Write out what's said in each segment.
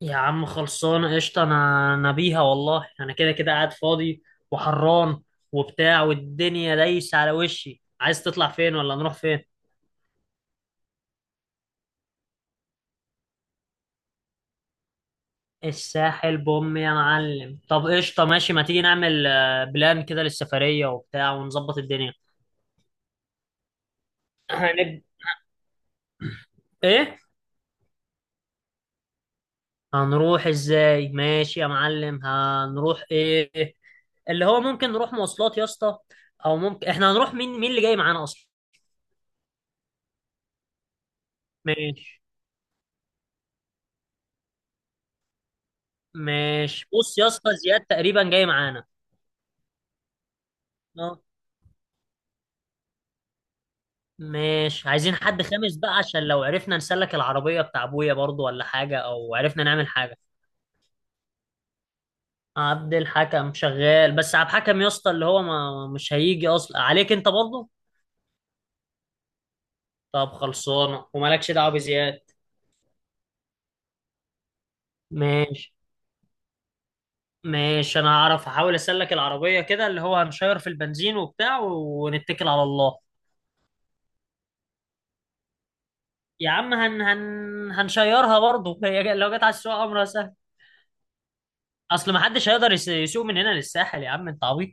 يا عم، خلصانة قشطة. أنا بيها والله. أنا كده كده قاعد فاضي وحران وبتاع، والدنيا دايسة على وشي. عايز تطلع فين ولا نروح فين؟ الساحل بوم يا معلم. طب قشطة، ماشي، ما تيجي نعمل بلان كده للسفرية وبتاع ونظبط الدنيا. هنب... إيه؟ هنروح إزاي؟ ماشي يا معلم، هنروح إيه؟ اللي هو ممكن نروح مواصلات يا اسطى، أو ممكن إحنا هنروح. مين مين اللي جاي معانا أصلا؟ ماشي، ماشي. بص يا اسطى، زياد تقريبا جاي معانا. اه، ماشي. عايزين حد خامس بقى، عشان لو عرفنا نسلك العربية بتاع ابويا برضو، ولا حاجة، او عرفنا نعمل حاجة. عبد الحكم شغال، بس عبد الحكم يا اسطى اللي هو ما مش هيجي اصلا عليك انت برضو. طب خلصانة، ومالكش دعوة بزياد. ماشي، ماشي. انا هعرف احاول اسلك العربية كده، اللي هو هنشير في البنزين وبتاع، ونتكل على الله. يا عم، هن هن هنشيرها برضه. هي لو جت على السوق، امرها سهل. اصل ما حدش هيقدر يسوق من هنا للساحل. يا عم انت عبيط.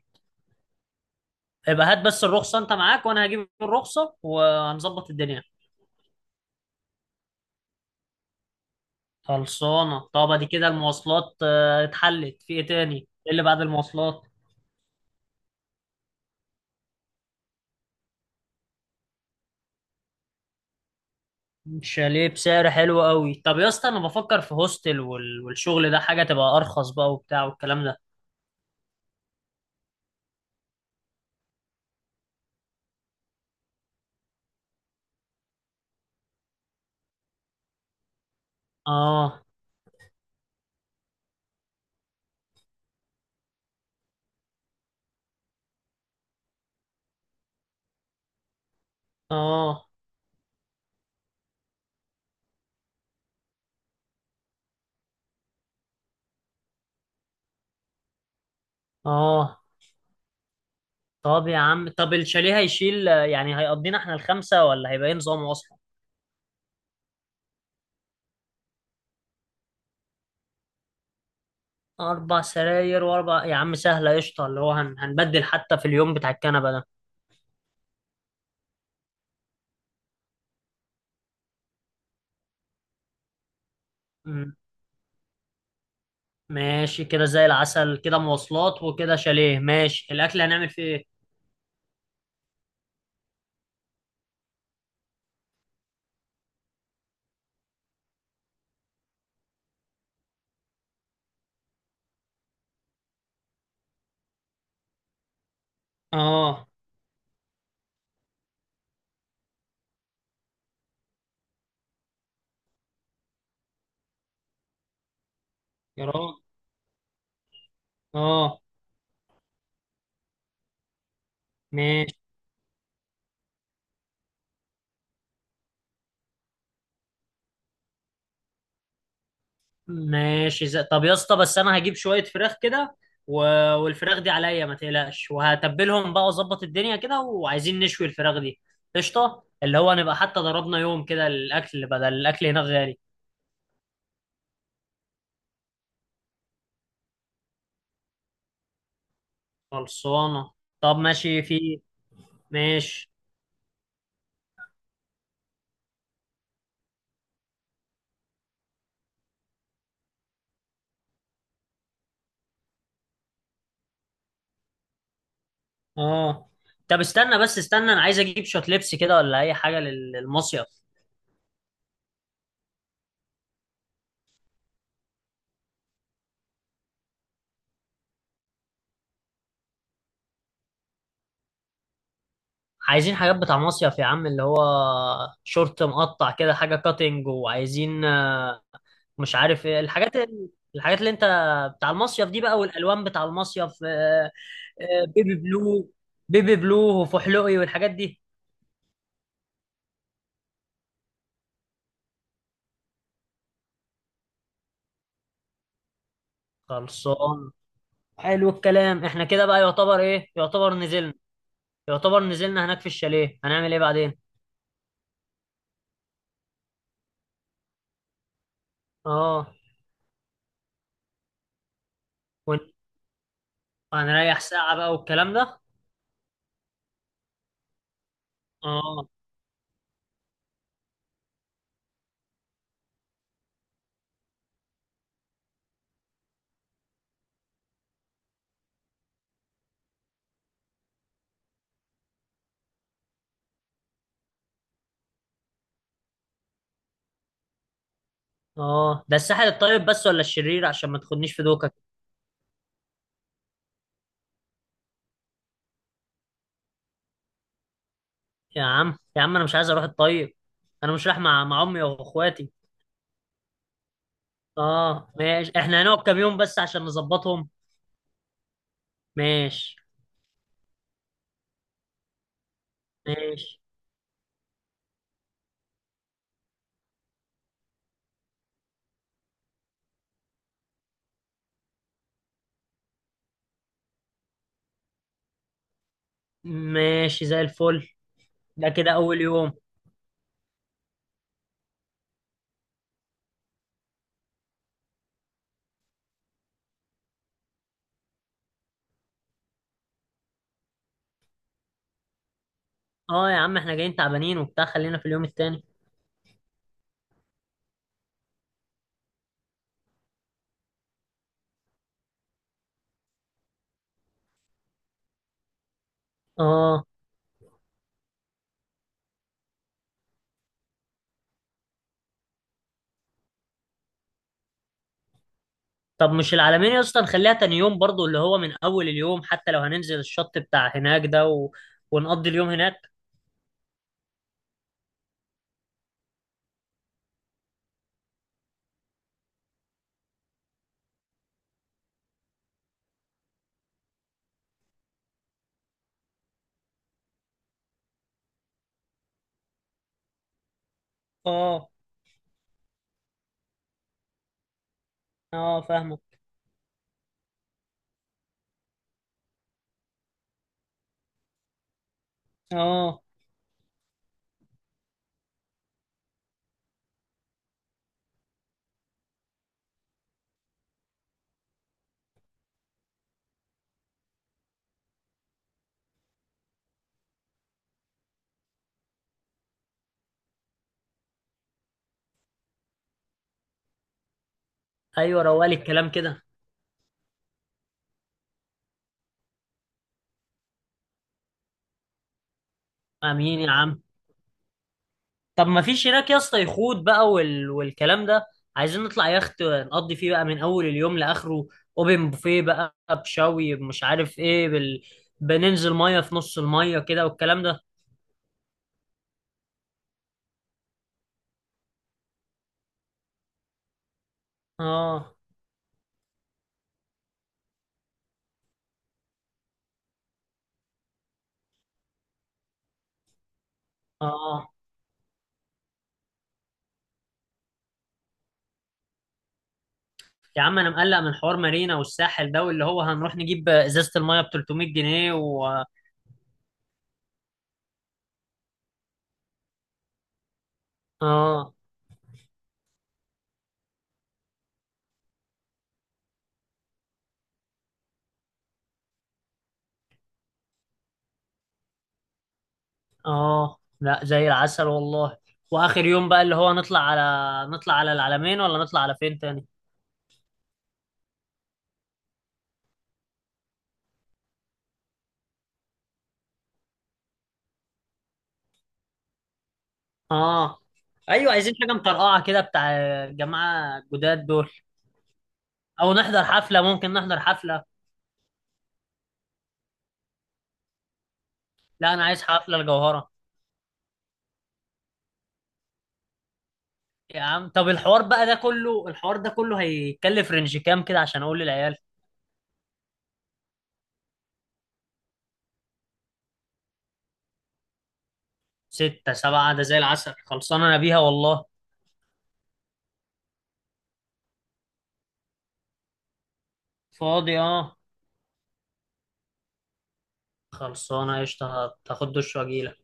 يبقى هات بس الرخصة انت معاك، وانا هجيب الرخصة وهنظبط الدنيا. خلصانة. طب ادي كده المواصلات اتحلت. في ايه تاني، ايه اللي بعد المواصلات؟ شاليه بسعر حلو قوي. طب يا اسطى، انا بفكر في هوستل والشغل ده، حاجة تبقى ارخص بقى وبتاع والكلام ده. اه، اه، اه. طب يا عم، طب الشاليه هيشيل يعني هيقضينا احنا الخمسة، ولا هيبقى ايه نظامه اصلا؟ 4 سراير و4 يا عم، سهلة قشطة. اللي هو هنبدل حتى في اليوم بتاع الكنبة. ده ماشي، كده زي العسل. كده مواصلات وكده شاليه. ماشي، الاكل هنعمل فيه ايه؟ اه يا راجل. اه. ماشي، ماشي. طب يا اسطى، بس انا هجيب شويه فراخ كده، و... والفراخ دي عليا ما تقلقش، وهتبلهم بقى واظبط الدنيا كده. وعايزين نشوي الفراخ دي. قشطه، اللي هو نبقى حتى ضربنا يوم كده الاكل، بدل الاكل هناك غالي. خلصانه. طب ماشي، في ماشي. اه، طب استنى بس استنى، انا عايز اجيب شويه لبس كده ولا اي حاجه للمصيف. عايزين حاجات بتاع مصيف يا عم، اللي هو شورت مقطع كده حاجة كاتنج، وعايزين مش عارف ايه الحاجات الحاجات اللي انت. بتاع المصيف دي بقى، والألوان بتاع المصيف، بيبي بلو. بيبي بلو وفحلوقي والحاجات دي. خلصان. حلو الكلام. احنا كده بقى يعتبر ايه، يعتبر نزلنا؟ يعتبر نزلنا هناك في الشاليه، هنعمل ايه بعدين؟ اه. ون- هنريح ساعة بقى والكلام ده. اه، اه. ده الساحل الطيب بس ولا الشرير؟ عشان ما تاخدنيش في دوكا. يا عم يا عم، انا مش عايز اروح الطيب. انا مش رايح مع امي واخواتي. اه ماشي. احنا هنقعد كام يوم بس عشان نظبطهم؟ ماشي، ماشي، ماشي. زي الفل. ده كده اول يوم. اه يا عم، احنا جايين تعبانين وبتاع، خلينا في اليوم التاني. اه. طب مش العلمين يا اسطى نخليها تاني يوم برضو، اللي هو من اول اليوم، حتى لو هننزل الشط بتاع هناك ده ونقضي اليوم هناك. اه، اه فاهمه. اه، ايوه. روالي الكلام كده. امين يا عم. طب ما فيش هناك يا اسطى يخوت بقى والكلام ده؟ عايزين نطلع يخت نقضي فيه بقى من اول اليوم لاخره، اوبن بوفيه بقى بشوي مش عارف ايه بننزل ميه في نص الميه كده والكلام ده. اه، اه. يا عم انا مقلق من حوار مارينا والساحل ده، واللي هو هنروح نجيب ازازه الميه ب 300 جنيه و اه، اه. لا زي العسل والله. واخر يوم بقى اللي هو نطلع على، نطلع على العلمين، ولا نطلع على فين تاني؟ اه، ايوه. عايزين حاجه مطرقعه كده بتاع الجماعه الجداد دول. او نحضر حفله، ممكن نحضر حفله. لا، انا عايز حفله الجوهره. يا عم، طب الحوار بقى ده كله، الحوار ده كله هيكلف رينج كام كده؟ عشان اقول للعيال. ستة سبعة ده زي العسل. خلصانه انا بيها والله. فاضي اه. خلصانه قشطه. هاخد دش واجيلك.